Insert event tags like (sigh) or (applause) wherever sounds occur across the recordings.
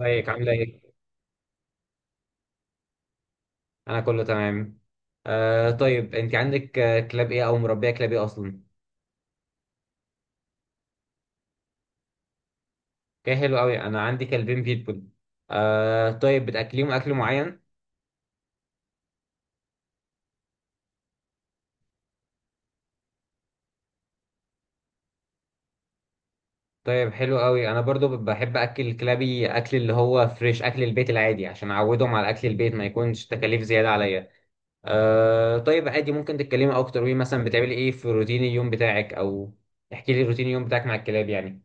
ازيك عاملة ايه؟ أنا كله تمام. آه طيب أنت عندك كلاب ايه أو مربية كلاب ايه أصلا؟ كده حلو أوي، أنا عندي كلبين بيتبول. آه طيب، بتأكليهم أكل معين؟ طيب حلو أوي، أنا برضو بحب أكل كلابي أكل اللي هو فريش، أكل البيت العادي، عشان أعودهم على أكل البيت ما يكونش تكاليف زيادة عليا. آه طيب عادي، ممكن تتكلمي أكتر وإيه مثلا بتعملي ايه في روتين اليوم بتاعك، أو احكي لي روتين اليوم بتاعك مع الكلاب يعني.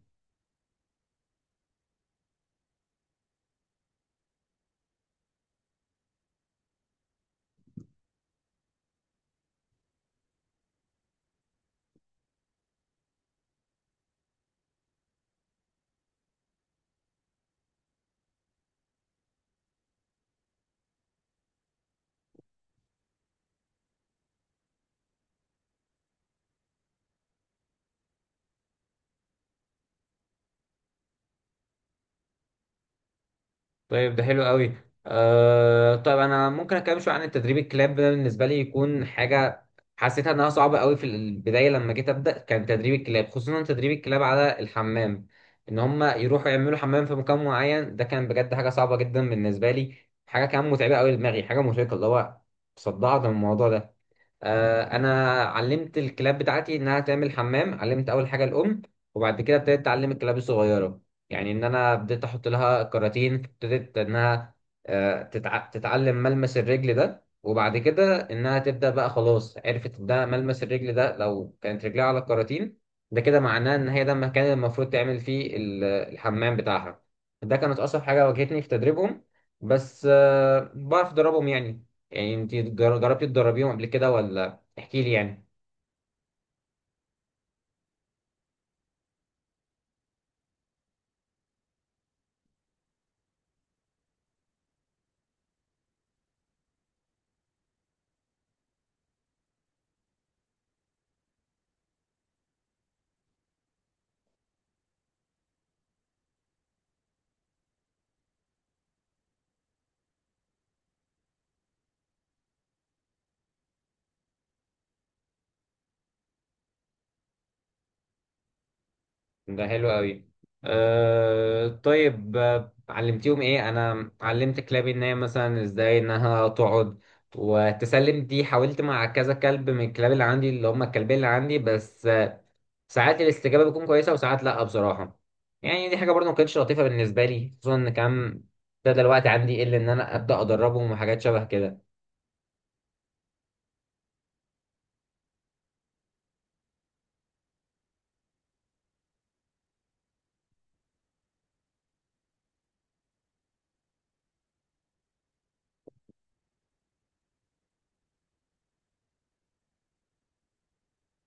طيب ده حلو قوي. آه طيب انا ممكن اتكلم شويه عن التدريب الكلاب، ده بالنسبه لي يكون حاجه حسيتها انها صعبه قوي في البدايه. لما جيت ابدا كان تدريب الكلاب، خصوصا تدريب الكلاب على الحمام، ان هم يروحوا يعملوا حمام في مكان معين، ده كان بجد حاجه صعبه جدا بالنسبه لي. حاجه كمان متعبه قوي لدماغي، حاجه مرهقه اللي هو صدعت من الموضوع ده. انا علمت الكلاب بتاعتي انها تعمل حمام، علمت اول حاجه الام، وبعد كده ابتديت اتعلم الكلاب الصغيره. يعني ان انا بديت احط لها كراتين، ابتدت انها تتعلم ملمس الرجل ده، وبعد كده انها تبدا بقى خلاص عرفت ده ملمس الرجل ده. لو كانت رجلها على الكراتين ده كده معناه ان هي ده المكان اللي المفروض تعمل فيه الحمام بتاعها. ده كانت اصعب حاجه واجهتني في تدريبهم، بس بعرف ادربهم يعني. يعني انت جربتي تدربيهم قبل كده ولا، احكي لي يعني. ده حلو قوي. أه طيب، علمتيهم ايه؟ انا علمت كلابي ان هي مثلا ازاي انها تقعد وتسلم، دي حاولت مع كذا كلب من الكلاب اللي عندي اللي هم الكلبين اللي عندي، بس ساعات الاستجابة بتكون كويسة وساعات لا بصراحة. يعني دي حاجة برضه ما كانتش لطيفة بالنسبة لي، خصوصا ان كان ابتدى الوقت عندي يقل ان انا ابدا ادربهم وحاجات شبه كده.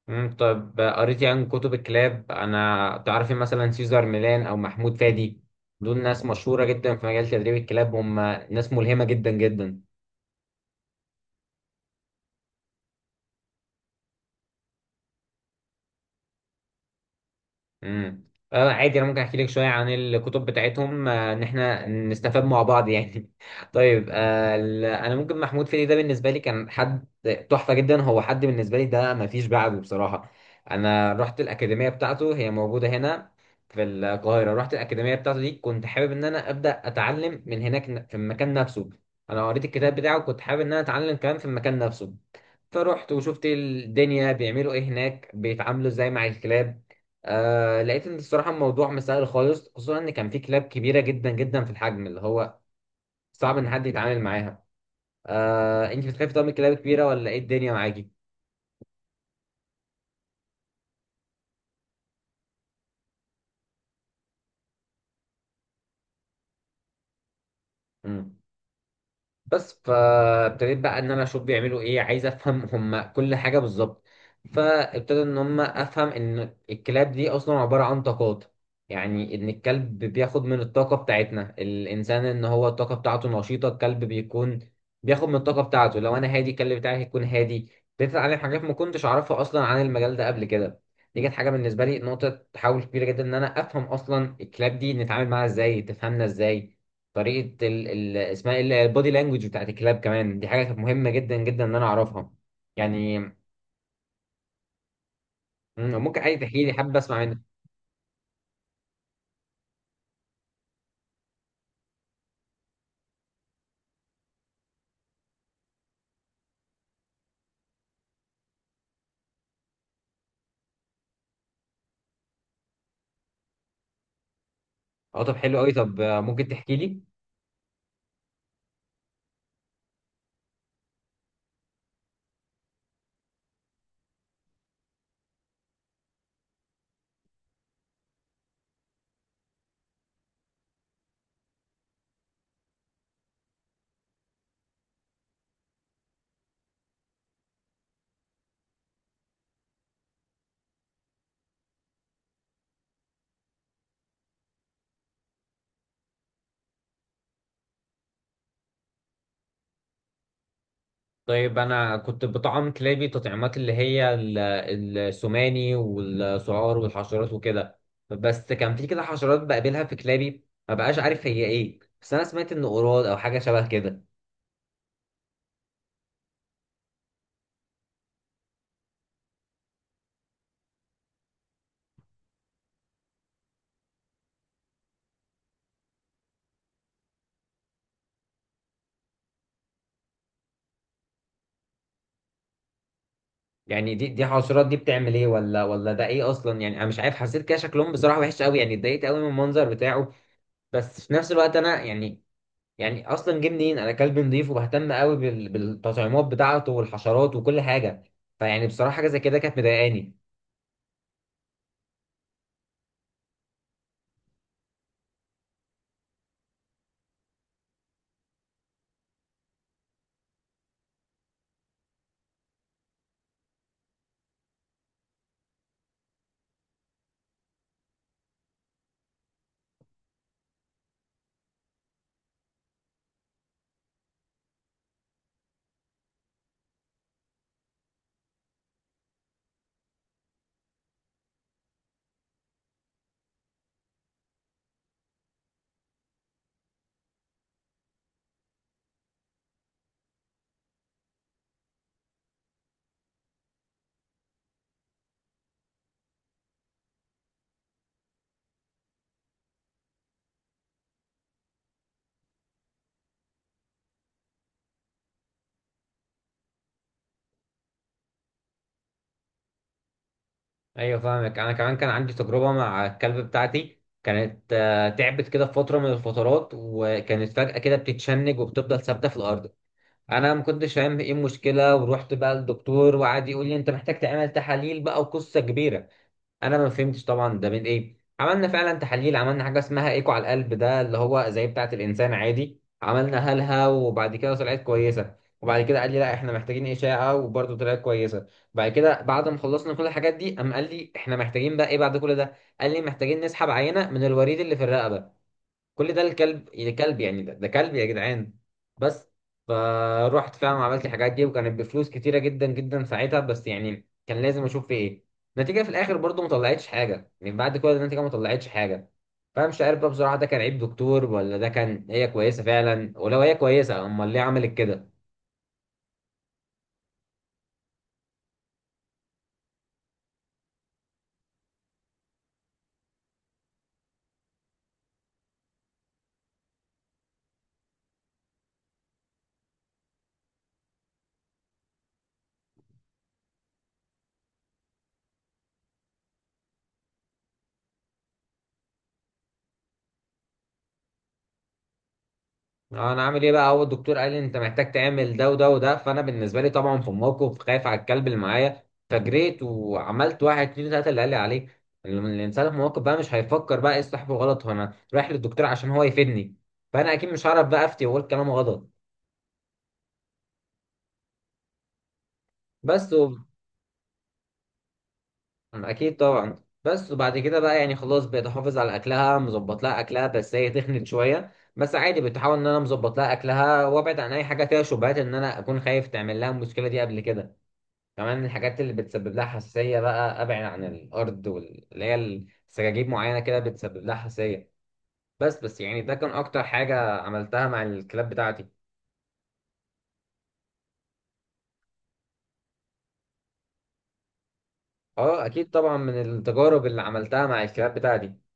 مم، طب قريتي عن كتب الكلاب؟ انا تعرفي مثلا سيزار ميلان او محمود فادي؟ دول ناس مشهورة جدا في مجال تدريب الكلاب، هم ناس ملهمة جدا جدا. امم، اه عادي، انا ممكن احكي لك شويه عن الكتب بتاعتهم، ان احنا نستفاد مع بعض يعني (laughs) طيب، انا ممكن محمود فيدي ده بالنسبه لي كان حد تحفه جدا، هو حد بالنسبه لي ده ما فيش بعده بصراحه. انا رحت الاكاديميه بتاعته، هي موجوده هنا في القاهره. رحت الاكاديميه بتاعته دي، كنت حابب ان انا ابدا اتعلم من هناك في المكان نفسه. انا قريت الكتاب بتاعه، كنت حابب ان انا اتعلم كمان في المكان نفسه. فرحت وشفت الدنيا بيعملوا ايه هناك، بيتعاملوا ازاي مع الكلاب. آه لقيت ان الصراحه الموضوع مسائل خالص، خصوصا ان كان في كلاب كبيره جدا جدا في الحجم اللي هو صعب ان حد يتعامل معاها. آه انت بتخافي طب من الكلاب الكبيره ولا ايه الدنيا معاكي؟ بس فابتديت بقى ان انا اشوف بيعملوا ايه، عايز افهم هم كل حاجه بالظبط. فابتدى ان هم افهم ان الكلاب دي اصلا عباره عن طاقات، يعني ان الكلب بياخد من الطاقه بتاعتنا الانسان، ان هو الطاقه بتاعته نشيطه الكلب بيكون بياخد من الطاقه بتاعته، لو انا هادي الكلب بتاعي هيكون هادي. ابتديت اتعلم حاجات ما كنتش اعرفها اصلا عن المجال ده قبل كده. دي كانت حاجه بالنسبه لي نقطه تحول كبيره جدا، ان انا افهم اصلا الكلاب دي نتعامل معاها ازاي، تفهمنا ازاي. طريقه اسمها ايه البودي لانجوج بتاعت الكلاب، كمان دي حاجه كانت مهمه جدا جدا ان انا اعرفها يعني. مم، ممكن عادي تحكي لي، حابب اسمع منك. اه طب حلو قوي، طب ممكن تحكي لي. طيب انا كنت بطعم كلابي تطعيمات اللي هي السوماني والسعار والحشرات وكده. بس كان في كده حشرات بقابلها في كلابي، ما بقاش عارف هي ايه، بس انا سمعت ان قراد او حاجه شبه كده. يعني دي حشرات دي بتعمل ايه ولا، ده ايه اصلا يعني؟ انا مش عارف، حسيت كده شكلهم بصراحه وحش قوي، يعني اتضايقت قوي من المنظر بتاعه. بس في نفس الوقت انا يعني، يعني اصلا جه منين؟ انا كلبي نضيف وبهتم قوي بالتطعيمات بتاعته والحشرات وكل حاجه. فيعني بصراحه حاجه زي كده كانت مضايقاني. ايوه فاهمك، انا كمان كان عندي تجربه مع الكلب بتاعتي، كانت تعبت كده في فتره من الفترات، وكانت فجاه كده بتتشنج وبتفضل ثابته في الارض. انا ما كنتش فاهم ايه المشكله، ورحت بقى للدكتور وقعد يقول لي انت محتاج تعمل تحاليل بقى وقصه كبيره. انا ما فهمتش طبعا ده من ايه، عملنا فعلا تحاليل، عملنا حاجه اسمها ايكو على القلب ده اللي هو زي بتاعه الانسان عادي، عملنا هلها وبعد كده طلعت كويسه. وبعد كده قال لي لا احنا محتاجين اشعه، وبرده طلعت كويسه. بعد كده بعد ما خلصنا كل الحاجات دي قام قال لي احنا محتاجين بقى ايه بعد كل ده؟ قال لي محتاجين نسحب عينه من الوريد اللي في الرقبه. كل ده الكلب يا كلب يعني، ده كلب يا جدعان. بس فروحت فعلا عملت الحاجات دي، وكانت بفلوس كتيرة جدا جدا ساعتها، بس يعني كان لازم اشوف في ايه. النتيجة في الاخر برضو ما طلعتش حاجة، يعني بعد كل ده النتيجة ما طلعتش حاجة. فمش عارف بقى بصراحة ده كان عيب دكتور، ولا ده كان هي كويسة فعلا، ولو هي كويسة امال ليه عملت كده؟ اه انا عامل ايه بقى، هو الدكتور قال لي انت محتاج تعمل ده وده وده، فانا بالنسبه لي طبعا في الموقف خايف على الكلب اللي معايا. فجريت وعملت واحد اتنين تلاته اللي قال لي عليه. الانسان في الموقف بقى مش هيفكر بقى ايه الصح والغلط، هو انا رايح للدكتور عشان هو يفيدني، فانا اكيد مش هعرف بقى افتي واقول كلام غلط. بس و... اكيد طبعا. بس وبعد كده بقى يعني خلاص بقيت احافظ على اكلها، مظبط لها اكلها، بس هي تخنت شويه. بس عادي بتحاول ان انا مظبط لها اكلها وابعد عن اي حاجه فيها شبهات ان انا اكون خايف تعمل لها المشكله دي قبل كده. كمان الحاجات اللي بتسبب لها حساسية بقى أبعد عن الأرض اللي هي السجاجيب معينة كده بتسبب لها حساسية. بس يعني ده كان أكتر حاجة عملتها مع الكلاب بتاعتي. أه أكيد طبعا من التجارب اللي عملتها مع الكلاب بتاعتي